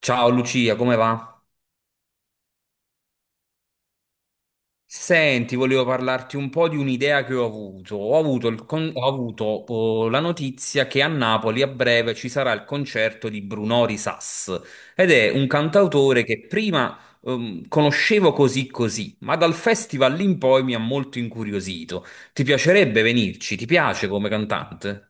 Ciao Lucia, come va? Senti, volevo parlarti un po' di un'idea che ho avuto. Ho avuto, oh, la notizia che a Napoli a breve ci sarà il concerto di Brunò Risas ed è un cantautore che prima conoscevo così così, ma dal festival in poi mi ha molto incuriosito. Ti piacerebbe venirci? Ti piace come cantante?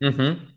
Mhm.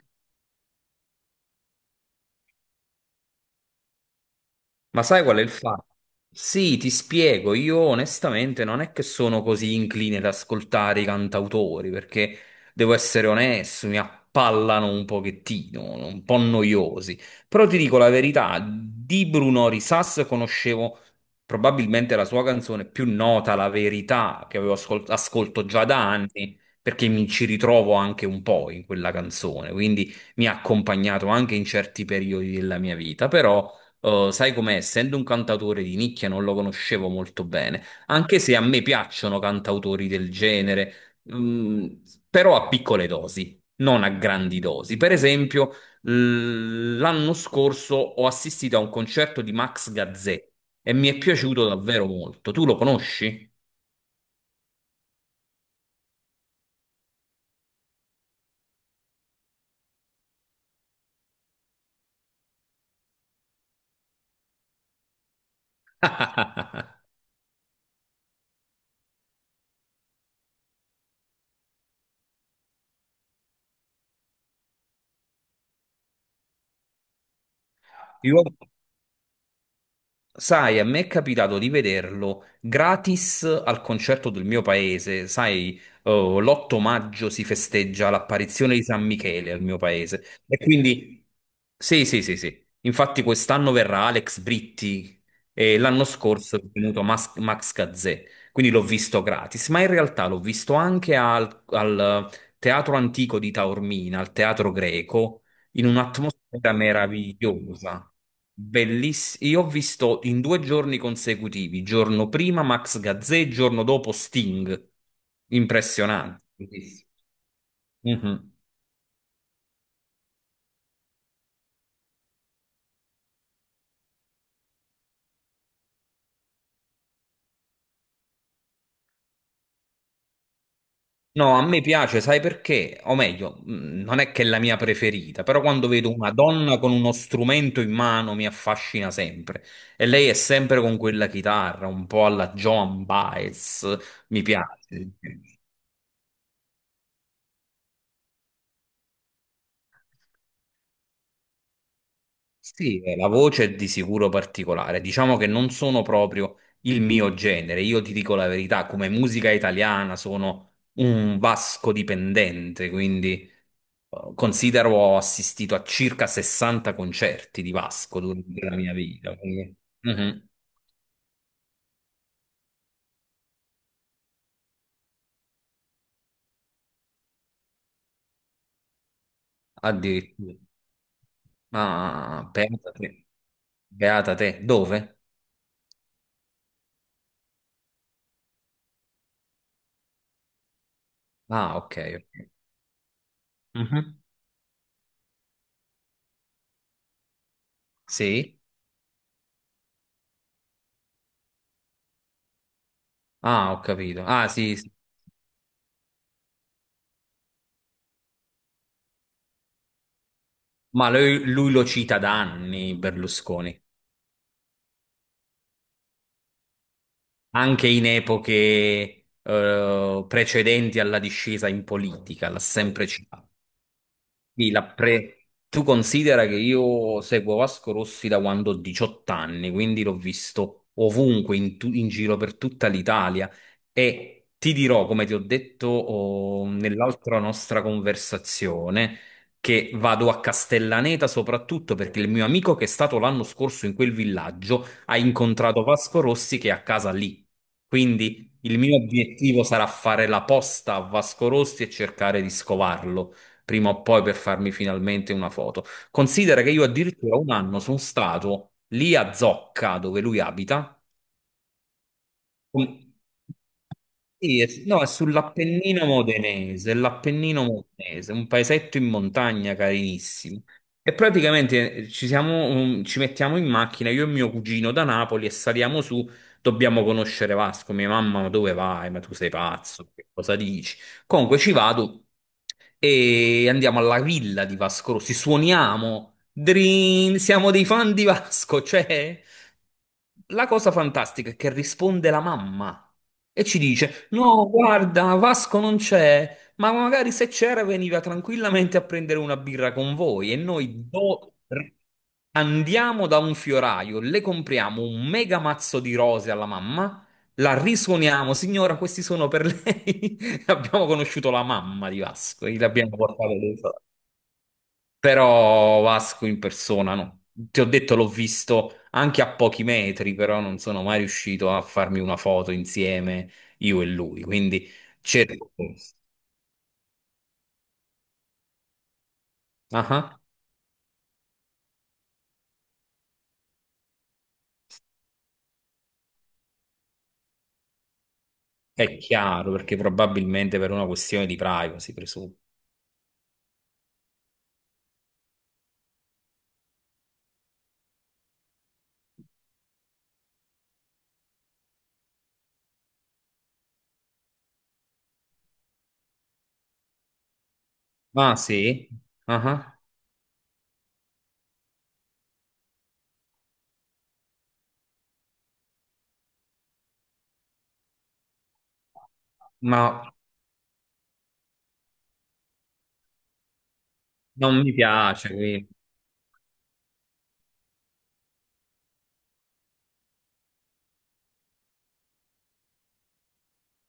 Ma sai qual è il fatto? Sì, ti spiego, io onestamente non è che sono così incline ad ascoltare i cantautori, perché devo essere onesto, mi appallano un pochettino, no, un po' noiosi. Però ti dico la verità, di Bruno Risas conoscevo probabilmente la sua canzone più nota, La Verità, che ascolto già da anni, perché mi ci ritrovo anche un po' in quella canzone, quindi mi ha accompagnato anche in certi periodi della mia vita, però... sai com'è? Essendo un cantautore di nicchia non lo conoscevo molto bene, anche se a me piacciono cantautori del genere, però a piccole dosi, non a grandi dosi. Per esempio, l'anno scorso ho assistito a un concerto di Max Gazzè e mi è piaciuto davvero molto. Tu lo conosci? Io. Sai, a me è capitato di vederlo gratis al concerto del mio paese. Sai, oh, l'8 maggio si festeggia l'apparizione di San Michele al mio paese. E quindi, sì, sì, sì, sì. Infatti quest'anno verrà Alex Britti e l'anno scorso è venuto Max Gazzè. Quindi l'ho visto gratis, ma in realtà l'ho visto anche al Teatro Antico di Taormina, al Teatro Greco, in un'atmosfera meravigliosa. Bellissimo. Io ho visto in due giorni consecutivi, giorno prima Max Gazzè, giorno dopo Sting. Impressionante. Bellissimo. Mhm. No, a me piace, sai perché? O meglio, non è che è la mia preferita, però quando vedo una donna con uno strumento in mano mi affascina sempre. E lei è sempre con quella chitarra, un po' alla Joan Baez, mi piace. Sì, la voce è di sicuro particolare. Diciamo che non sono proprio il mio genere. Io ti dico la verità, come musica italiana sono un vasco dipendente, quindi considero ho assistito a circa 60 concerti di Vasco durante la mia vita. Quindi mhm, addirittura. Ah, beata te. Beata te. Dove? Ah, ok. Ok. Mhm. Sì? Ah, ho capito. Ah, sì, sì. Ma lui lo cita da anni, Berlusconi. Anche in epoche precedenti alla discesa in politica, l'ha sempre citato. Sì, tu considera che io seguo Vasco Rossi da quando ho 18 anni, quindi l'ho visto ovunque, in giro per tutta l'Italia. E ti dirò, come ti ho detto oh, nell'altra nostra conversazione, che vado a Castellaneta soprattutto perché il mio amico che è stato l'anno scorso in quel villaggio ha incontrato Vasco Rossi che è a casa lì. Quindi il mio obiettivo sarà fare la posta a Vasco Rossi e cercare di scovarlo prima o poi per farmi finalmente una foto. Considera che io addirittura un anno sono stato lì a Zocca, dove lui abita. Com- Sì, no, è sull'Appennino modenese, l'Appennino modenese, un paesetto in montagna carinissimo. E praticamente ci siamo, ci mettiamo in macchina, io e mio cugino da Napoli e saliamo su, dobbiamo conoscere Vasco. Mia mamma, ma dove vai? Ma tu sei pazzo, che cosa dici? Comunque ci vado e andiamo alla villa di Vasco Rossi, suoniamo, drin, siamo dei fan di Vasco, cioè la cosa fantastica è che risponde la mamma e ci dice: no, guarda, Vasco non c'è, ma magari se c'era veniva tranquillamente a prendere una birra con voi. E andiamo da un fioraio, le compriamo un mega mazzo di rose alla mamma, la risuoniamo, signora, questi sono per lei. Abbiamo conosciuto la mamma di Vasco e l'abbiamo portata dentro. Però Vasco in persona no. Ti ho detto, l'ho visto anche a pochi metri, però non sono mai riuscito a farmi una foto insieme io e lui. Quindi cerco questo. Ah, ah. È chiaro, perché probabilmente per una questione di privacy, presumo. Ma sì, ah, ah. Ma non mi piace, quindi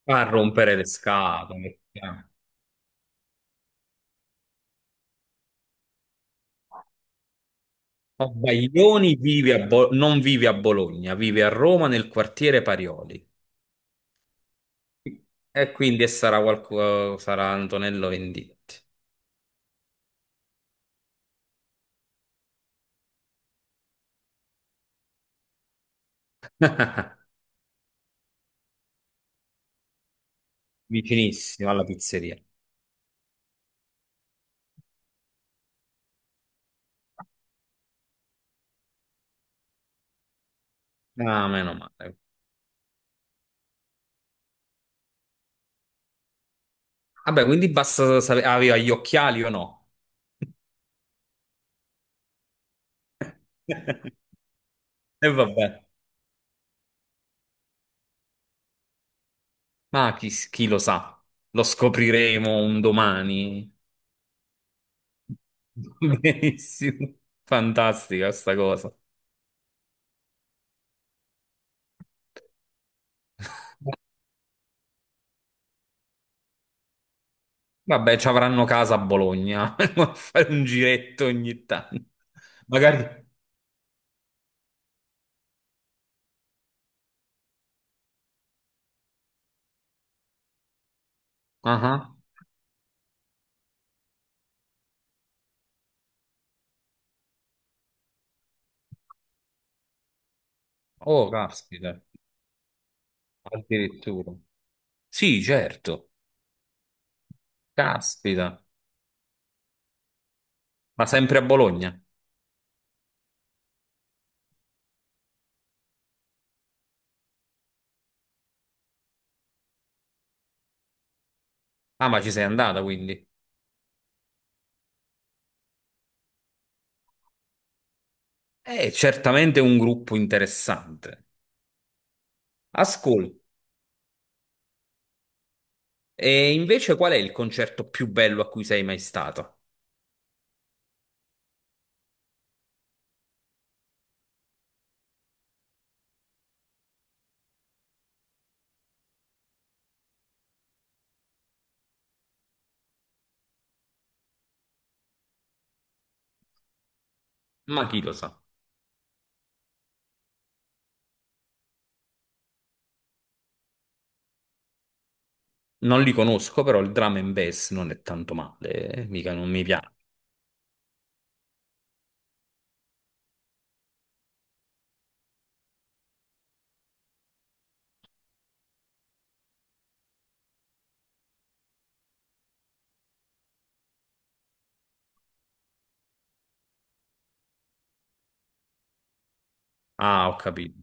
fa rompere le scatole. Oh, Baglioni vive a non vive a Bologna, vive a Roma nel quartiere Parioli. E quindi sarà qualcosa, sarà Antonello Venditti, vicinissimo alla pizzeria. Ah, meno male. Vabbè, quindi basta sapere, aveva gli occhiali o no? E vabbè, ma chi lo sa, lo scopriremo un domani. Benissimo, fantastica sta cosa. Vabbè, ci avranno casa a Bologna, a fare un giretto ogni tanto. Magari... Ah, ah. Oh, caspita, addirittura. Sì, certo. Caspita. Ma sempre a Bologna. Ah, ma ci sei andata quindi. È certamente un gruppo interessante. Ascolta, e invece qual è il concerto più bello a cui sei mai stata? Ma chi lo sa? Non li conosco, però il drum and bass non è tanto male, mica non mi piace. Ah, ho capito.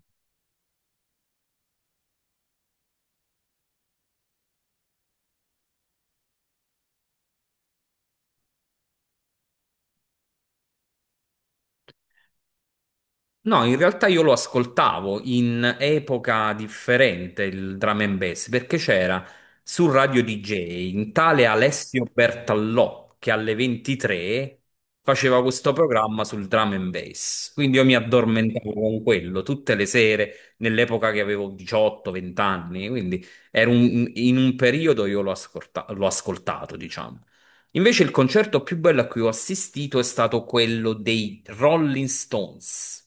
No, in realtà io lo ascoltavo in epoca differente il drum and bass perché c'era su Radio DJ un tale Alessio Bertallò che alle 23 faceva questo programma sul drum and bass. Quindi io mi addormentavo con quello tutte le sere nell'epoca che avevo 18-20 anni. Quindi era in un periodo l'ho ascoltato, diciamo. Invece il concerto più bello a cui ho assistito è stato quello dei Rolling Stones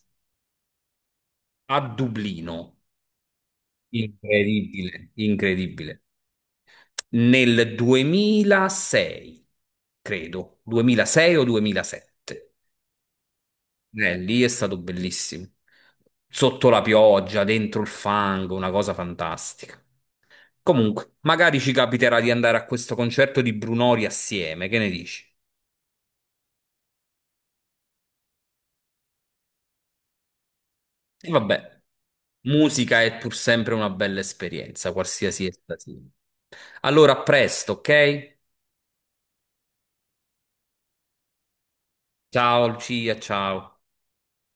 a Dublino. Incredibile. Incredibile, nel 2006, credo, 2006 o 2007. Lì è stato bellissimo. Sotto la pioggia, dentro il fango, una cosa fantastica. Comunque, magari ci capiterà di andare a questo concerto di Brunori assieme, che ne dici? E vabbè, musica è pur sempre una bella esperienza, qualsiasi essa sia. Allora, a presto, ok? Ciao, Lucia, ciao.